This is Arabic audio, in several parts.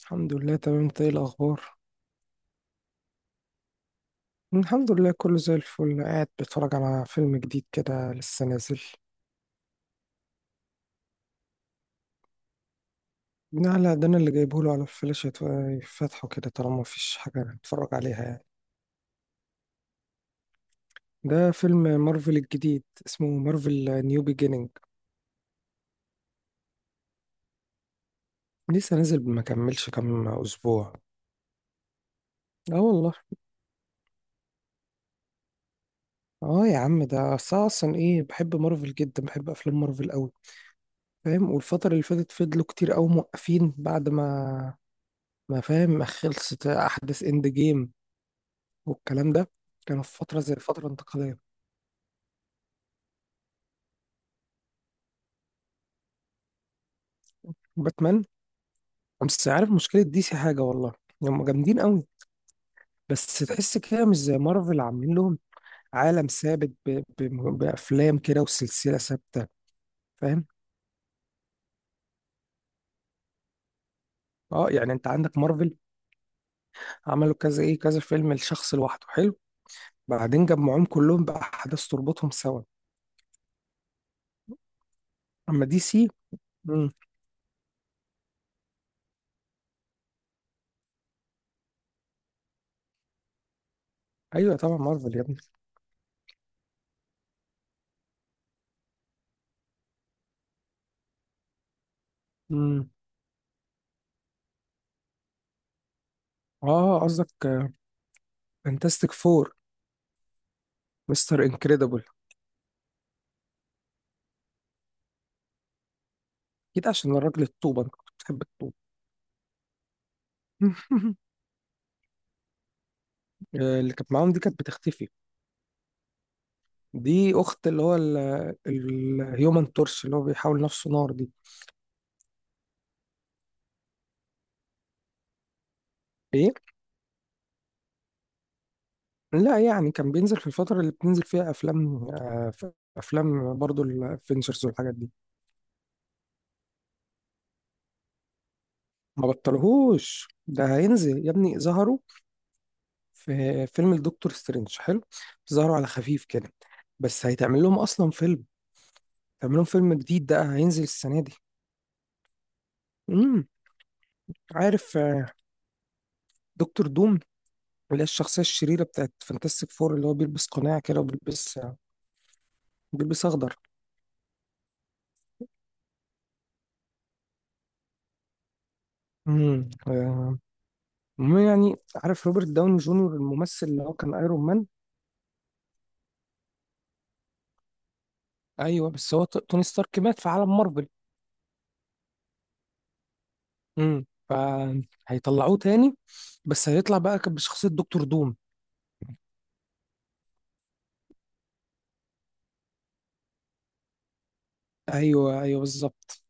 الحمد لله تمام، انت ايه الاخبار؟ الحمد لله كله زي الفل، قاعد بتفرج على فيلم جديد كده لسه نازل. لا لا، ده انا اللي جايبه له على الفلاش يفتحه كده طالما مفيش حاجه نتفرج عليها يعني. ده فيلم مارفل الجديد، اسمه مارفل نيو بيجينينج. لسه نازل، ما كملش كام اسبوع. اه والله. اه يا عم، ده أصل أنا اصلا بحب مارفل جدا، بحب افلام مارفل قوي، فاهم. والفتره اللي فاتت فضلوا كتير قوي موقفين، بعد ما فاهم، ما خلصت احداث اند جيم والكلام ده. كانوا في فترة زي الفترة الانتقالية. باتمان. بس عارف مشكلة دي سي حاجة والله، هم جامدين قوي. بس تحس كده مش زي مارفل، عاملين لهم عالم ثابت بأفلام كده وسلسلة ثابتة، فاهم. اه يعني انت عندك مارفل، عملوا كذا كذا فيلم لشخص لوحده حلو، بعدين جمعوهم كلهم بأحداث تربطهم سوا. اما دي سي، مم. ايوه طبعا مارفل يا ابني. مم. اه قصدك فانتاستيك فور. مستر انكريدبل. اكيد عشان الراجل الطوبة، انت كنت بتحب الطوبة. اللي كانت معاهم دي كانت بتختفي. دي اخت اللي هو الهيومن تورش، اللي هو بيحاول نفسه نار دي. ايه. لا، يعني كان بينزل في الفترة اللي بتنزل فيها افلام افلام برضو الافنجرز والحاجات دي. ما بطلهوش، ده هينزل يا ابني. ظهروا في فيلم الدكتور سترينج حلو، ظهروا على خفيف كده. بس هيتعمل لهم اصلا فيلم، هيتعمل لهم فيلم جديد ده هينزل السنة دي. امم. عارف دكتور دوم، اللي هي الشخصية الشريرة بتاعت فانتاستيك فور اللي هو بيلبس قناع كده وبيلبس، بيلبس أخضر. امم آه، المهم يعني، عارف روبرت داوني جونيور الممثل اللي هو كان ايرون مان. أيوه، بس هو توني ستارك مات في عالم مارفل. امم، فهيطلعوه تاني، بس هيطلع بقى كان بشخصية دكتور دوم. أيوه أيوه بالظبط.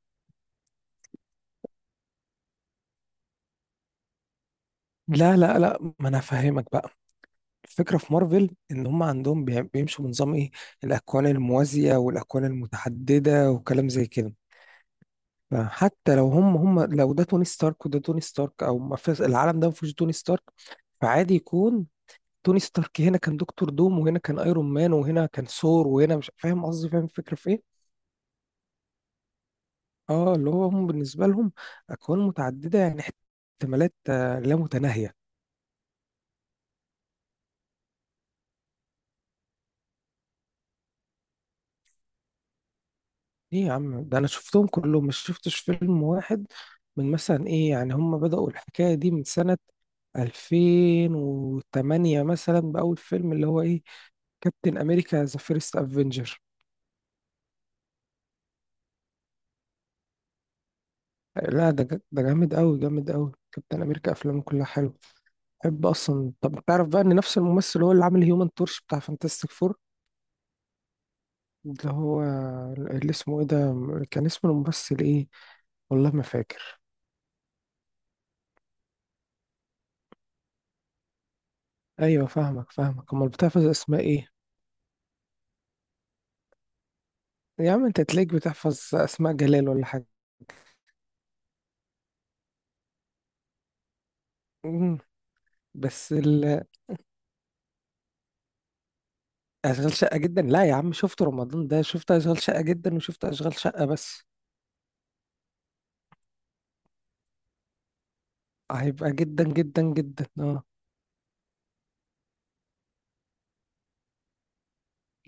لا لا لا، ما انا فاهمك بقى. الفكره في مارفل ان هم عندهم بيمشوا بنظام ايه، الاكوان الموازيه والاكوان المتعدده وكلام زي كده. فحتى لو هم لو ده توني ستارك وده توني ستارك او ما فيش العالم ده ما فيهوش توني ستارك، فعادي يكون توني ستارك هنا كان دكتور دوم وهنا كان ايرون مان وهنا كان ثور وهنا مش فاهم قصدي، فاهم الفكره في ايه. اه، اللي هو هم بالنسبه لهم اكوان متعدده، يعني احتمالات لا متناهيه. ايه يا عم، ده انا شفتهم كلهم، مش شفتش فيلم واحد. من مثلا ايه، يعني هم بدأوا الحكايه دي من سنه 2008 مثلا، بأول فيلم اللي هو ايه، كابتن امريكا ذا فيرست افنجر. لا ده ده جامد قوي، جامد قوي. كابتن امريكا افلامه كلها حلوه، بحب اصلا. طب تعرف بقى ان نفس الممثل هو اللي عامل هيومن تورش بتاع فانتاستيك فور، اللي هو اللي اسمه ايه ده، كان اسم الممثل ايه، والله ما فاكر. ايوه فاهمك فاهمك، امال بتحفظ اسماء ايه؟ يا عم انت تلاقيك بتحفظ اسماء جلال ولا حاجه. مم. بس ال- اشغال شقه جدا، لا يا عم، شفت رمضان ده، شفت اشغال شقه جدا وشفت اشغال شقه بس. هيبقى جدا جدا جدا اه.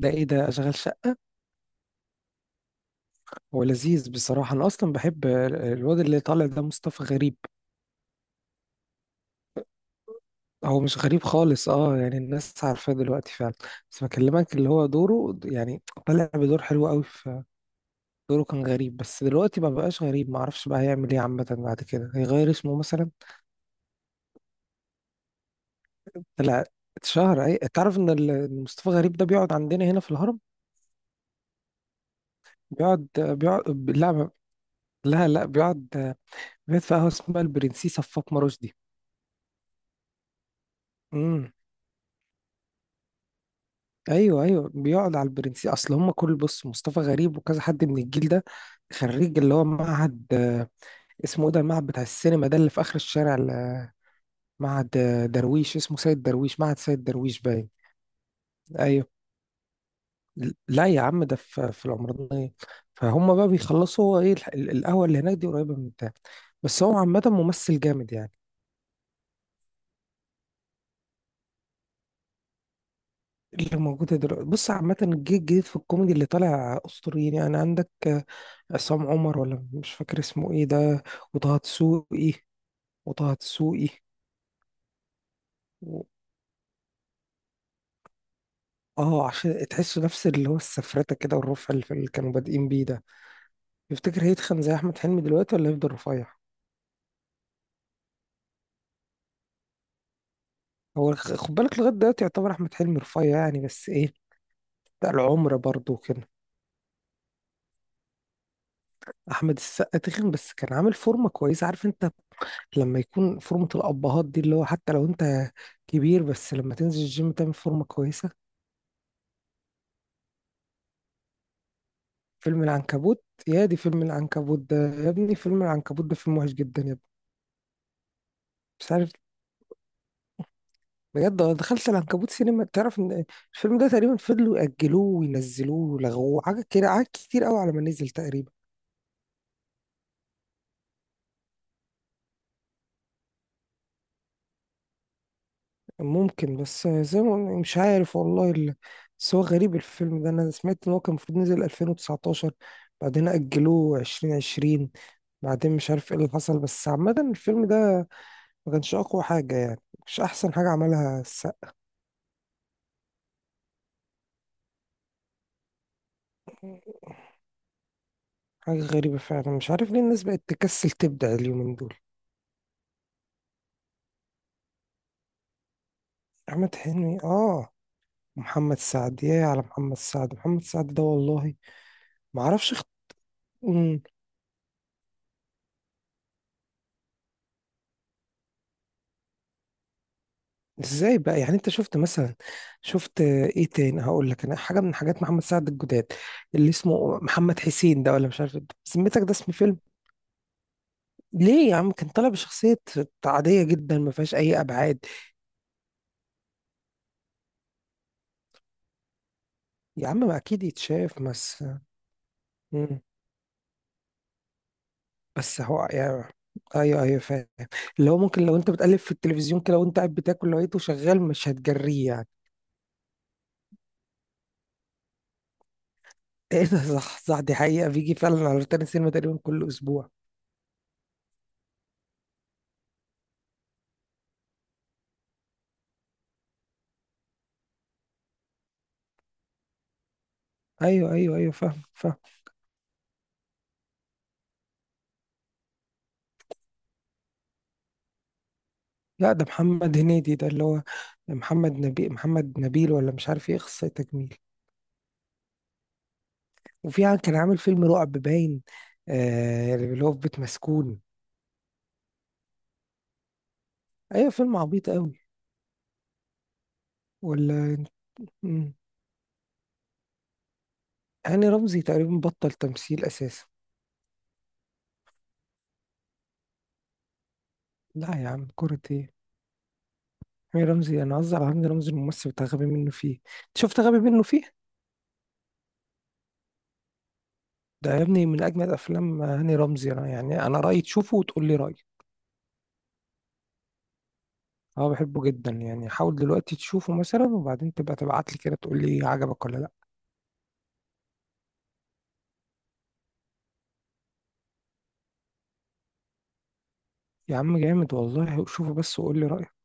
ده ايه ده اشغال شقه؟ هو لذيذ بصراحة، أنا أصلا بحب الواد اللي طالع ده مصطفى غريب. هو مش غريب خالص أه، يعني الناس عارفاه دلوقتي فعلا. بس بكلمك اللي هو دوره يعني طالع بدور حلو أوي في. دوره كان غريب، بس دلوقتي ما بقاش غريب، معرفش بقى هيعمل إيه، عامة بعد كده هيغير اسمه مثلا. طلع اتشهر. أي تعرف إن مصطفى غريب ده بيقعد عندنا هنا في الهرم. بيقعد لا، لا لا، بيقعد، بيقعد في قهوة اسمها البرنسيسة في فاطمة رشدي. امم. ايوه ايوه بيقعد على البرنسي، اصل هم كل، بص مصطفى غريب وكذا حد من الجيل ده خريج اللي هو معهد اسمه ايه ده، المعهد بتاع السينما ده اللي في اخر الشارع معهد درويش، اسمه سيد درويش، معهد سيد درويش باين. ايوه. لا يا عم، ده في العمرانية. فهم بقى بيخلصوا، هو ايه القهوة اللي هناك دي قريبة من بتاع. بس هو عامة ممثل جامد يعني. اللي موجودة دلوقتي، بص عامة الجيل الجديد في الكوميدي اللي طالع أسطوريين، يعني عندك عصام عمر، ولا مش فاكر اسمه ايه ده. وطه دسوقي. وطه دسوقي و... اه عشان تحسوا نفس اللي هو السفرته كده والرفع اللي كانوا بادئين بيه ده. يفتكر هيتخن زي احمد حلمي دلوقتي ولا هيفضل رفيع. هو خد بالك لغايه دلوقتي يعتبر احمد حلمي رفيع يعني، بس ايه، ده العمر برضه كده. احمد السقا تخن، بس كان عامل فورمه كويسه، عارف انت لما يكون فورمه الابهات دي، اللي هو حتى لو انت كبير، بس لما تنزل الجيم تعمل فورمه كويسه. فيلم العنكبوت، يا دي فيلم العنكبوت ده يا ابني، فيلم العنكبوت ده فيلم وحش جدا يا ابني. مش عارف. بجد أنا دخلت العنكبوت سينما، تعرف ان الفيلم ده تقريبا فضلوا يأجلوه وينزلوه ولغوه حاجة كده، حاجات كتير قوي على ما نزل تقريبا. ممكن، بس زي ما قلنا مش عارف والله بس هو غريب الفيلم ده، انا سمعت ان هو كان المفروض نزل 2019، بعدين أجلوه 2020، بعدين مش عارف ايه اللي حصل، بس عامة الفيلم ده ما كانش أقوى حاجة يعني، مش أحسن حاجة عملها السقا. حاجة غريبة فعلا، مش عارف ليه الناس بقت تكسل تبدع اليومين دول. أحمد حلمي محمد سعد، يا على محمد سعد، محمد سعد ده والله معرفش مم، ازاي بقى يعني، انت شفت مثلا، شفت ايه تاني هقول لك، انا حاجة من حاجات محمد سعد الجداد اللي اسمه محمد حسين ده، ولا مش عارف إيه سميتك، ده اسم فيلم. ليه يا عم، كان طالع بشخصية عادية جدا ما فيهاش أي أبعاد. يا عم ما أكيد يتشاف، بس. بس هو يعني، ايوه ايوه فاهم، اللي هو ممكن لو انت بتقلب في التلفزيون كده وانت قاعد بتاكل لقيته شغال مش هتجريه يعني. ايه ده، صح صح، دي حقيقة، بيجي فعلا على روتانا سينما تقريبا كل اسبوع. ايوه ايوه ايوه فاهم فاهم. لا، ده محمد هنيدي ده، اللي هو محمد نبي، محمد نبيل ولا مش عارف ايه، اخصائي تجميل. وفي كان عامل فيلم رعب باين، آه اللي هو في بيت مسكون. ايوه فيلم عبيط قوي. ولا. مم. هاني رمزي تقريبا بطل تمثيل اساسا. لا يا عم كرة ايه، هاني رمزي، انا قصدي على هاني رمزي الممثل بتاع غبي منه فيه. أنت شفت غبي منه فيه؟ ده يا ابني من اجمل افلام هاني رمزي، انا يعني انا رايي تشوفه وتقول لي رايي. اه بحبه جدا يعني، حاول دلوقتي تشوفه مثلا وبعدين تبقى تبعت لي كده تقول لي عجبك ولا لا. يا عم جامد والله، شوفه بس وقول لي رايك.